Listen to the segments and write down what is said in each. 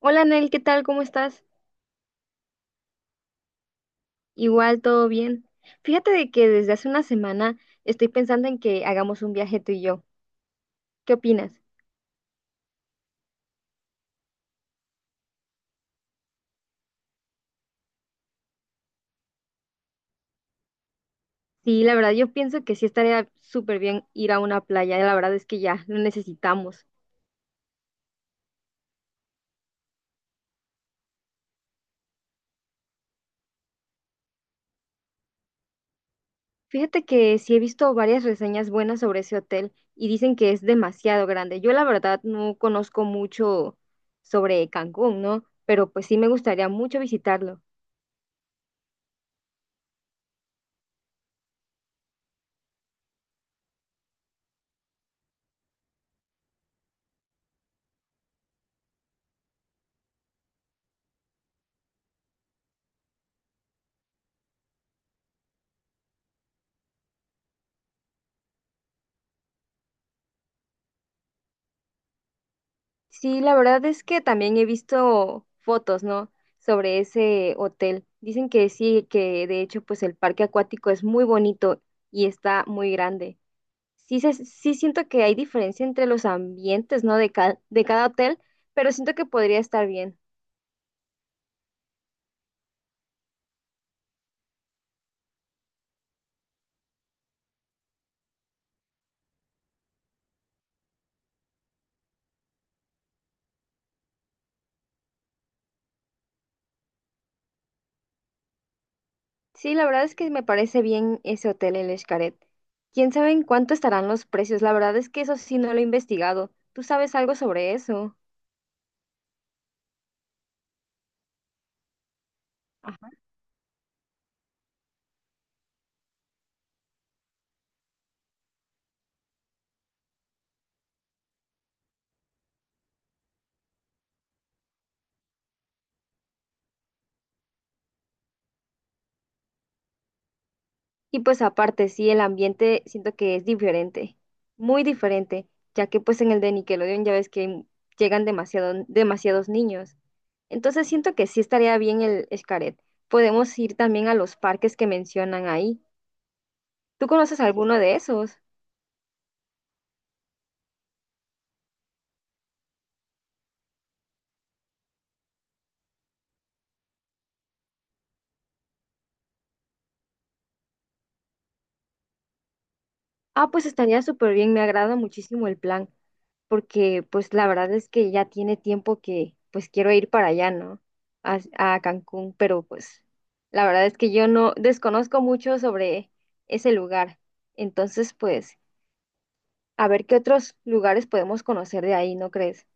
Hola Nel, ¿qué tal? ¿Cómo estás? Igual, todo bien. Fíjate de que desde hace una semana estoy pensando en que hagamos un viaje tú y yo. ¿Qué opinas? Sí, la verdad yo pienso que sí estaría súper bien ir a una playa, la verdad es que ya lo necesitamos. Fíjate que sí he visto varias reseñas buenas sobre ese hotel y dicen que es demasiado grande. Yo la verdad no conozco mucho sobre Cancún, ¿no? Pero pues sí me gustaría mucho visitarlo. Sí, la verdad es que también he visto fotos, ¿no? Sobre ese hotel. Dicen que sí, que de hecho, pues el parque acuático es muy bonito y está muy grande. Sí, sí siento que hay diferencia entre los ambientes, ¿no? De cada hotel, pero siento que podría estar bien. Sí, la verdad es que me parece bien ese hotel, el Xcaret. ¿Quién sabe en cuánto estarán los precios? La verdad es que eso sí no lo he investigado. ¿Tú sabes algo sobre eso? Y pues aparte, sí, el ambiente siento que es diferente, muy diferente, ya que pues en el de Nickelodeon ya ves que llegan demasiados niños. Entonces siento que sí estaría bien el Xcaret. Podemos ir también a los parques que mencionan ahí. ¿Tú conoces alguno de esos? Ah, pues estaría súper bien, me agrada muchísimo el plan, porque pues la verdad es que ya tiene tiempo que pues quiero ir para allá, ¿no? A Cancún, pero pues la verdad es que yo no desconozco mucho sobre ese lugar. Entonces, pues, a ver qué otros lugares podemos conocer de ahí, ¿no crees?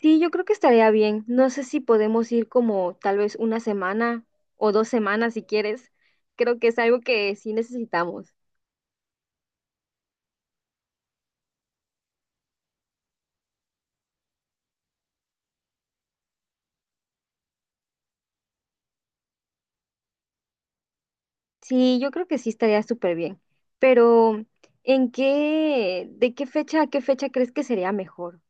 Sí, yo creo que estaría bien. No sé si podemos ir como tal vez una semana o 2 semanas si quieres. Creo que es algo que sí necesitamos. Sí, yo creo que sí estaría súper bien. Pero, ¿en qué, de qué fecha a qué fecha crees que sería mejor?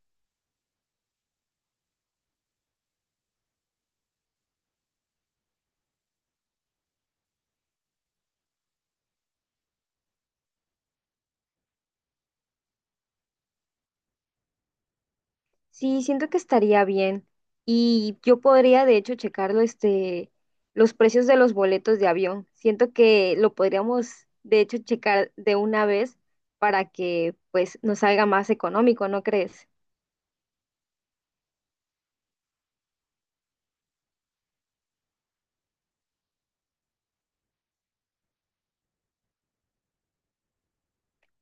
Sí, siento que estaría bien. Y yo podría, de hecho, checarlo, este, los precios de los boletos de avión. Siento que lo podríamos, de hecho, checar de una vez para que, pues, nos salga más económico, ¿no crees?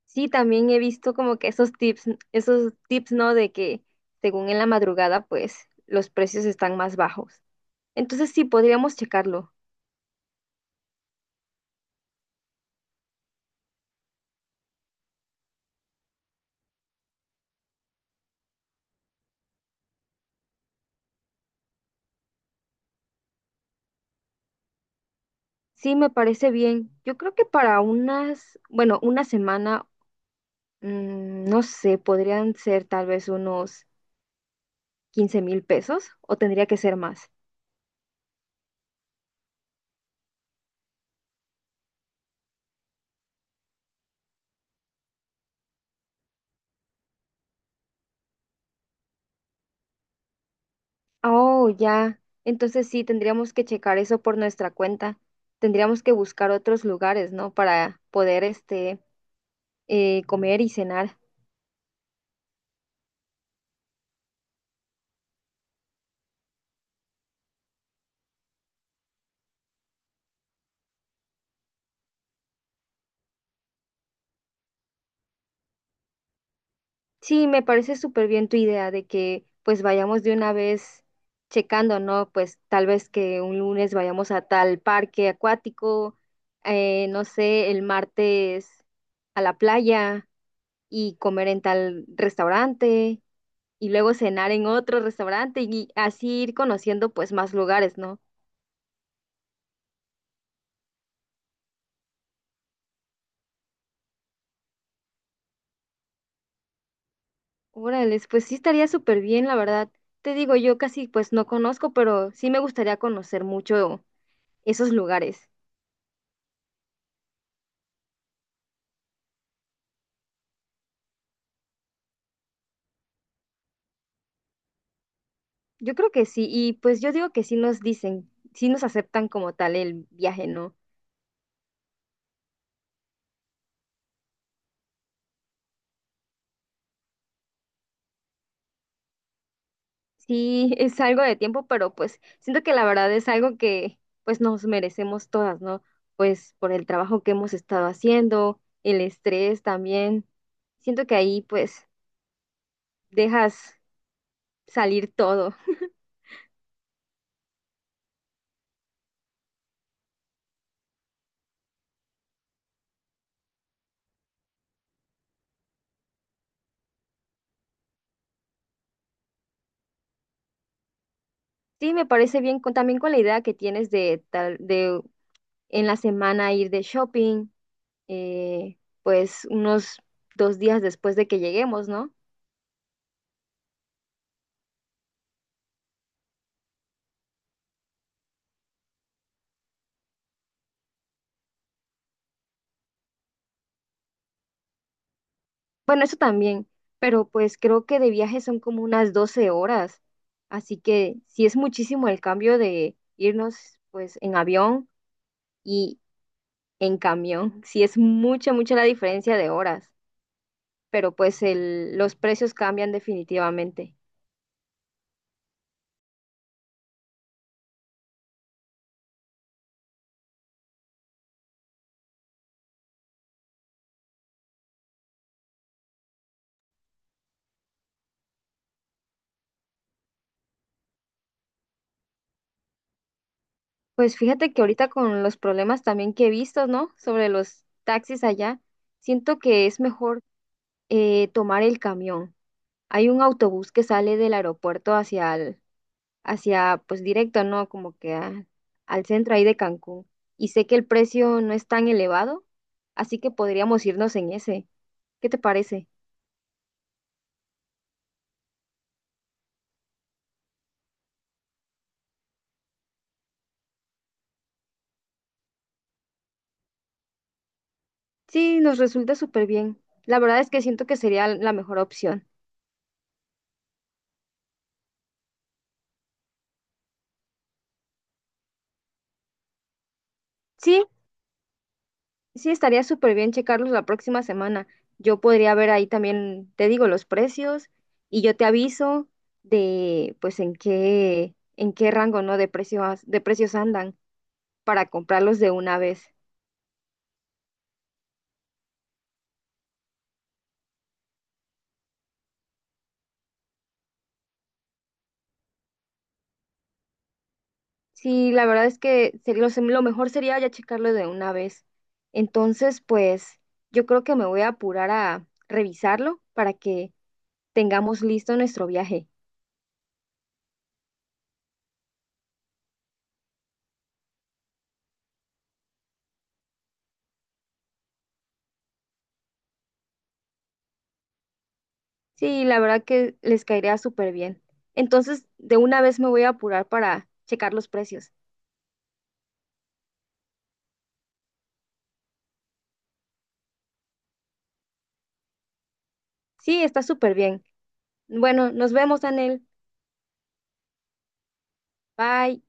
Sí, también he visto como que esos tips, ¿no? De que según en la madrugada, pues, los precios están más bajos. Entonces sí, podríamos checarlo. Sí, me parece bien. Yo creo que para unas, bueno, una semana, no sé, podrían ser tal vez unos 15,000 pesos o tendría que ser más. Oh, ya. Entonces sí, tendríamos que checar eso por nuestra cuenta. Tendríamos que buscar otros lugares, ¿no? Para poder, este, comer y cenar. Sí, me parece súper bien tu idea de que pues vayamos de una vez checando, ¿no? Pues tal vez que un lunes vayamos a tal parque acuático, no sé, el martes a la playa y comer en tal restaurante y luego cenar en otro restaurante y así ir conociendo pues más lugares, ¿no? Órale, pues sí estaría súper bien, la verdad. Te digo, yo casi pues no conozco, pero sí me gustaría conocer mucho esos lugares. Yo creo que sí, y pues yo digo que sí nos dicen, sí nos aceptan como tal el viaje, ¿no? Sí, es algo de tiempo, pero pues siento que la verdad es algo que pues nos merecemos todas, ¿no? Pues por el trabajo que hemos estado haciendo, el estrés también. Siento que ahí pues dejas salir todo. Sí, me parece bien con, también con la idea que tienes de tal, de en la semana ir de shopping, eh, pues unos 2 días después de que lleguemos, ¿no? Bueno, eso también, pero pues creo que de viaje son como unas 12 horas, así que sí es muchísimo el cambio de irnos pues en avión y en camión, sí es mucha, mucha la diferencia de horas, pero pues el, los precios cambian definitivamente. Pues fíjate que ahorita con los problemas también que he visto, ¿no? Sobre los taxis allá, siento que es mejor tomar el camión. Hay un autobús que sale del aeropuerto hacia, pues directo, ¿no? Como que al centro ahí de Cancún. Y sé que el precio no es tan elevado, así que podríamos irnos en ese. ¿Qué te parece? Sí, nos resulta súper bien. La verdad es que siento que sería la mejor opción. Sí, sí, estaría súper bien checarlos la próxima semana. Yo podría ver ahí también, te digo, los precios y yo te aviso de, pues, en qué rango, ¿no? De precios andan para comprarlos de una vez. Sí, la verdad es que lo mejor sería ya checarlo de una vez. Entonces, pues yo creo que me voy a apurar a revisarlo para que tengamos listo nuestro viaje. Sí, la verdad que les caería súper bien. Entonces, de una vez me voy a apurar para checar los precios. Sí, está súper bien. Bueno, nos vemos, Anel. Bye.